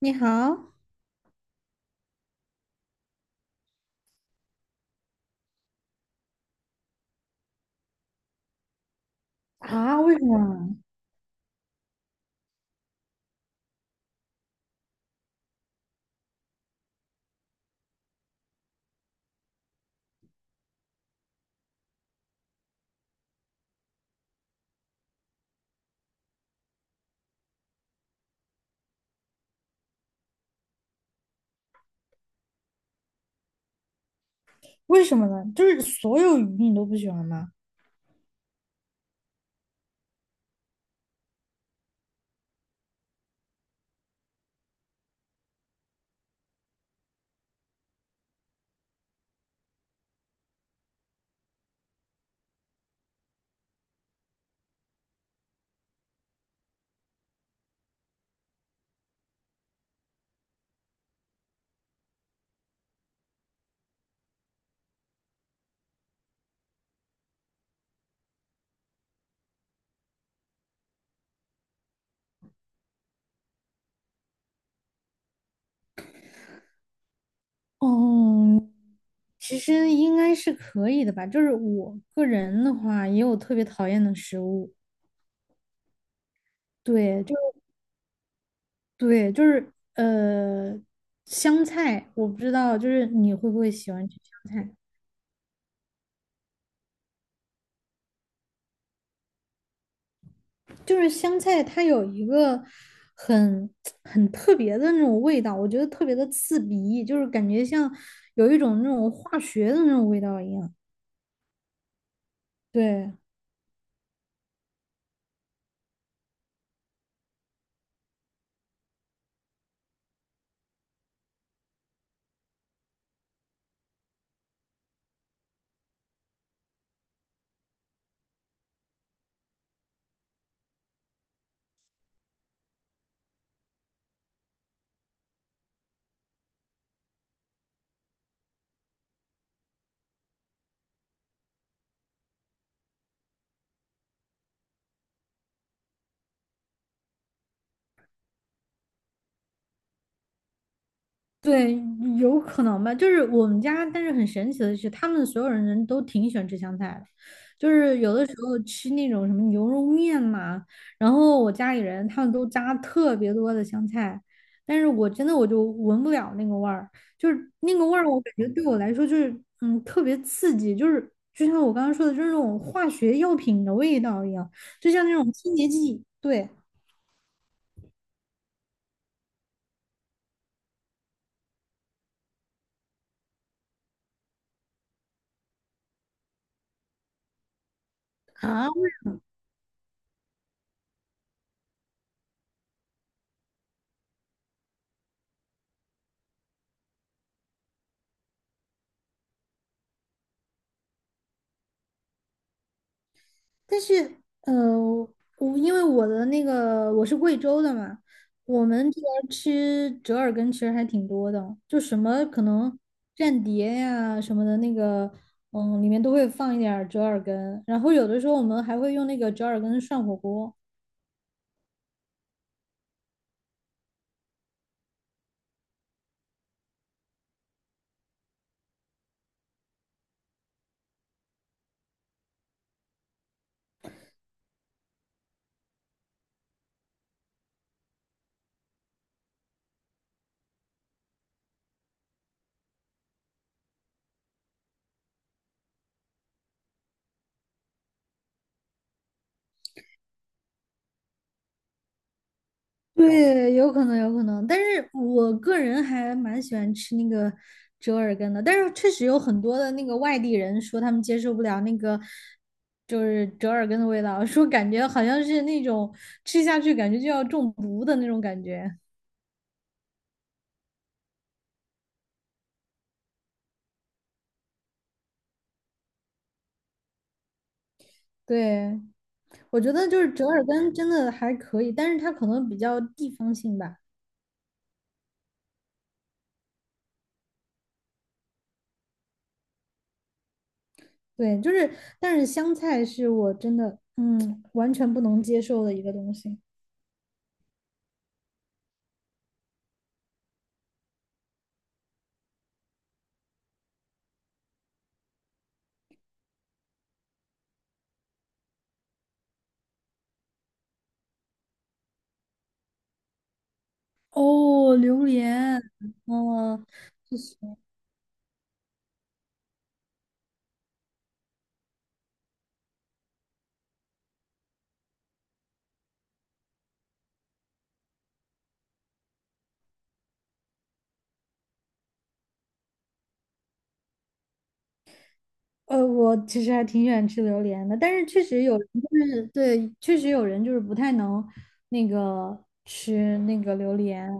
你好。啊？为什么？为什么呢？就是所有鱼你都不喜欢吗？嗯，其实应该是可以的吧。就是我个人的话，也有特别讨厌的食物。对，就对,就是呃，香菜，我不知道，就是你会不会喜欢吃香菜？就是香菜它有一个很很特别的那种味道，我觉得特别的刺鼻，就是感觉像有一种那种化学的那种味道一样。对。对，有可能吧。就是我们家，但是很神奇的是，他们所有人都挺喜欢吃香菜的。就是有的时候吃那种什么牛肉面嘛，然后我家里人他们都加特别多的香菜，但是我真的就闻不了那个味儿，就是那个味儿，我感觉对我来说就是嗯特别刺激，就是就像我刚刚说的，就是那种化学药品的味道一样，就像那种清洁剂。对。啊。但是，呃，我因为我是贵州的嘛，我们这边儿吃折耳根其实还挺多的，就什么可能蘸碟呀什么的那个，嗯，里面都会放一点儿折耳根，然后有的时候我们还会用那个折耳根涮火锅。对，有可能，有可能，但是我个人还蛮喜欢吃那个折耳根的，但是确实有很多的那个外地人说他们接受不了那个就是折耳根的味道，说感觉好像是那种吃下去感觉就要中毒的那种感觉。对，我觉得就是折耳根真的还可以，但是它可能比较地方性吧。对，就是，但是香菜是我真的嗯完全不能接受的一个东西。哦，榴莲，嗯，就是。我其实还挺喜欢吃榴莲的，但是确实有人就是对，确实有人就是不太能那个吃那个榴莲。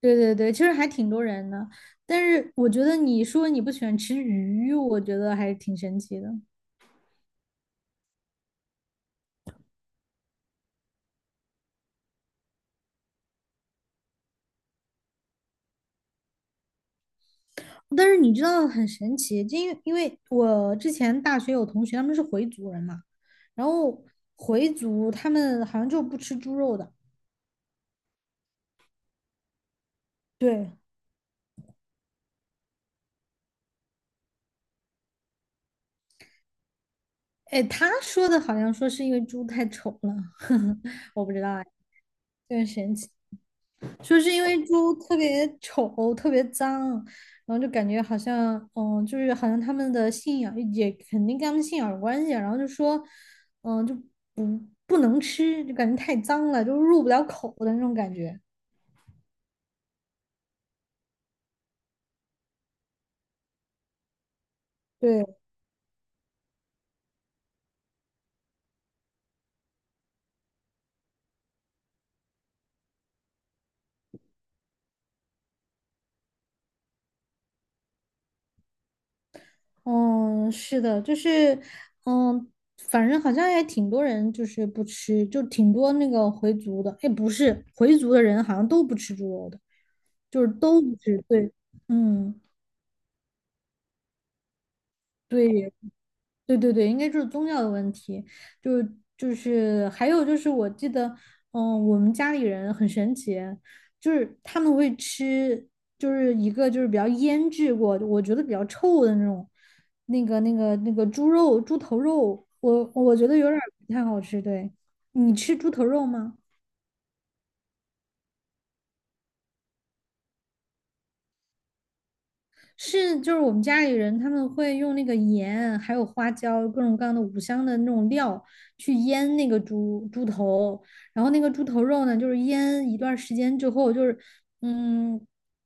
对对对，其实还挺多人的，但是我觉得你说你不喜欢吃鱼，我觉得还是挺神奇的。但是你知道很神奇，就因为我之前大学有同学他们是回族人嘛，然后回族他们好像就不吃猪肉的。对，哎，他说的好像说是因为猪太丑了。我不知道哎，就很神奇，说是因为猪特别丑，特别脏，然后就感觉好像，嗯，就是好像他们的信仰也肯定跟他们信仰有关系啊，然后就说，嗯，就不不能吃，就感觉太脏了，就入不了口的那种感觉。对，嗯，是的，就是，嗯，反正好像也挺多人就是不吃，就挺多那个回族的，哎，不是，回族的人好像都不吃猪肉的，就是都不吃，对，嗯，对，对对对，应该就是宗教的问题，就是还有就是我记得，嗯，我们家里人很神奇，就是他们会吃，就是一个就是比较腌制过，我觉得比较臭的那种，那个猪肉、猪头肉，我觉得有点儿不太好吃。对，你吃猪头肉吗？是，就是我们家里人他们会用那个盐，还有花椒，各种各样的五香的那种料去腌那个猪猪头，然后那个猪头肉呢，就是腌一段时间之后，就是嗯，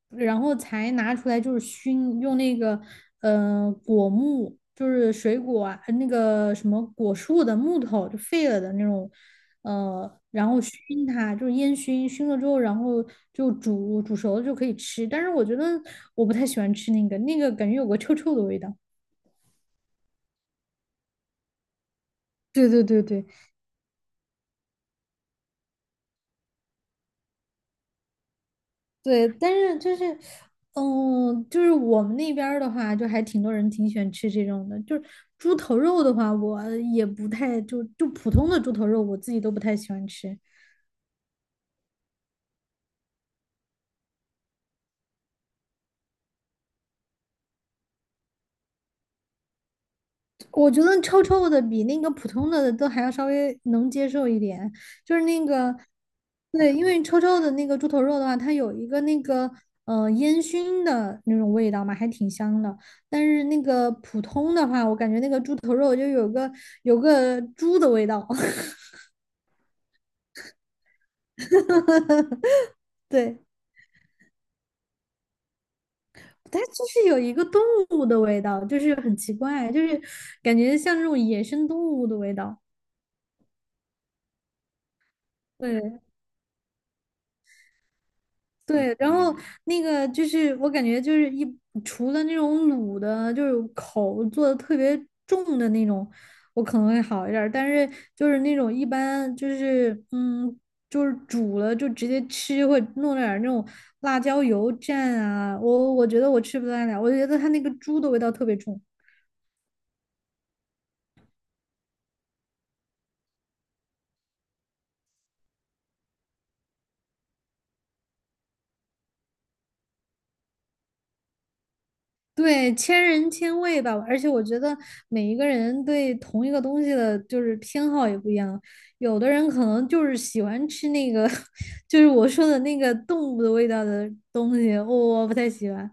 然后才拿出来就是熏，用那个果木，就是水果啊，那个什么果树的木头就废了的那种，然后熏它，就是烟熏，熏了之后，然后就煮熟了就可以吃。但是我觉得我不太喜欢吃那个，那个感觉有个臭臭的味道。对对对对，对，但是就是，嗯，就是我们那边儿的话，就还挺多人挺喜欢吃这种的。就是猪头肉的话，我也不太,就普通的猪头肉，我自己都不太喜欢吃。我觉得臭臭的比那个普通的都还要稍微能接受一点。就是那个，对，因为臭臭的那个猪头肉的话，它有一个那个烟熏的那种味道嘛，还挺香的。但是那个普通的话，我感觉那个猪头肉就有个猪的味道。对，它就是有一个动物的味道，就是很奇怪，就是感觉像那种野生动物的味道。对对，然后那个就是我感觉就是一除了那种卤的，就是口做的特别重的那种，我可能会好一点儿。但是就是那种一般就是嗯，就是煮了就直接吃，会弄点儿那种辣椒油蘸啊，我觉得我吃不太了，我觉得它那个猪的味道特别重。对，千人千味吧，而且我觉得每一个人对同一个东西的，就是偏好也不一样。有的人可能就是喜欢吃那个，就是我说的那个动物的味道的东西，我不太喜欢。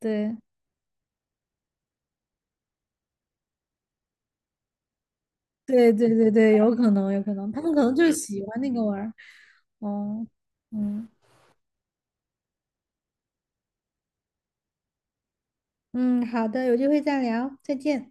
对，对，对，对，对，有可能，有可能，他们可能就是喜欢那个味儿。哦，嗯嗯，好的，有机会再聊，再见。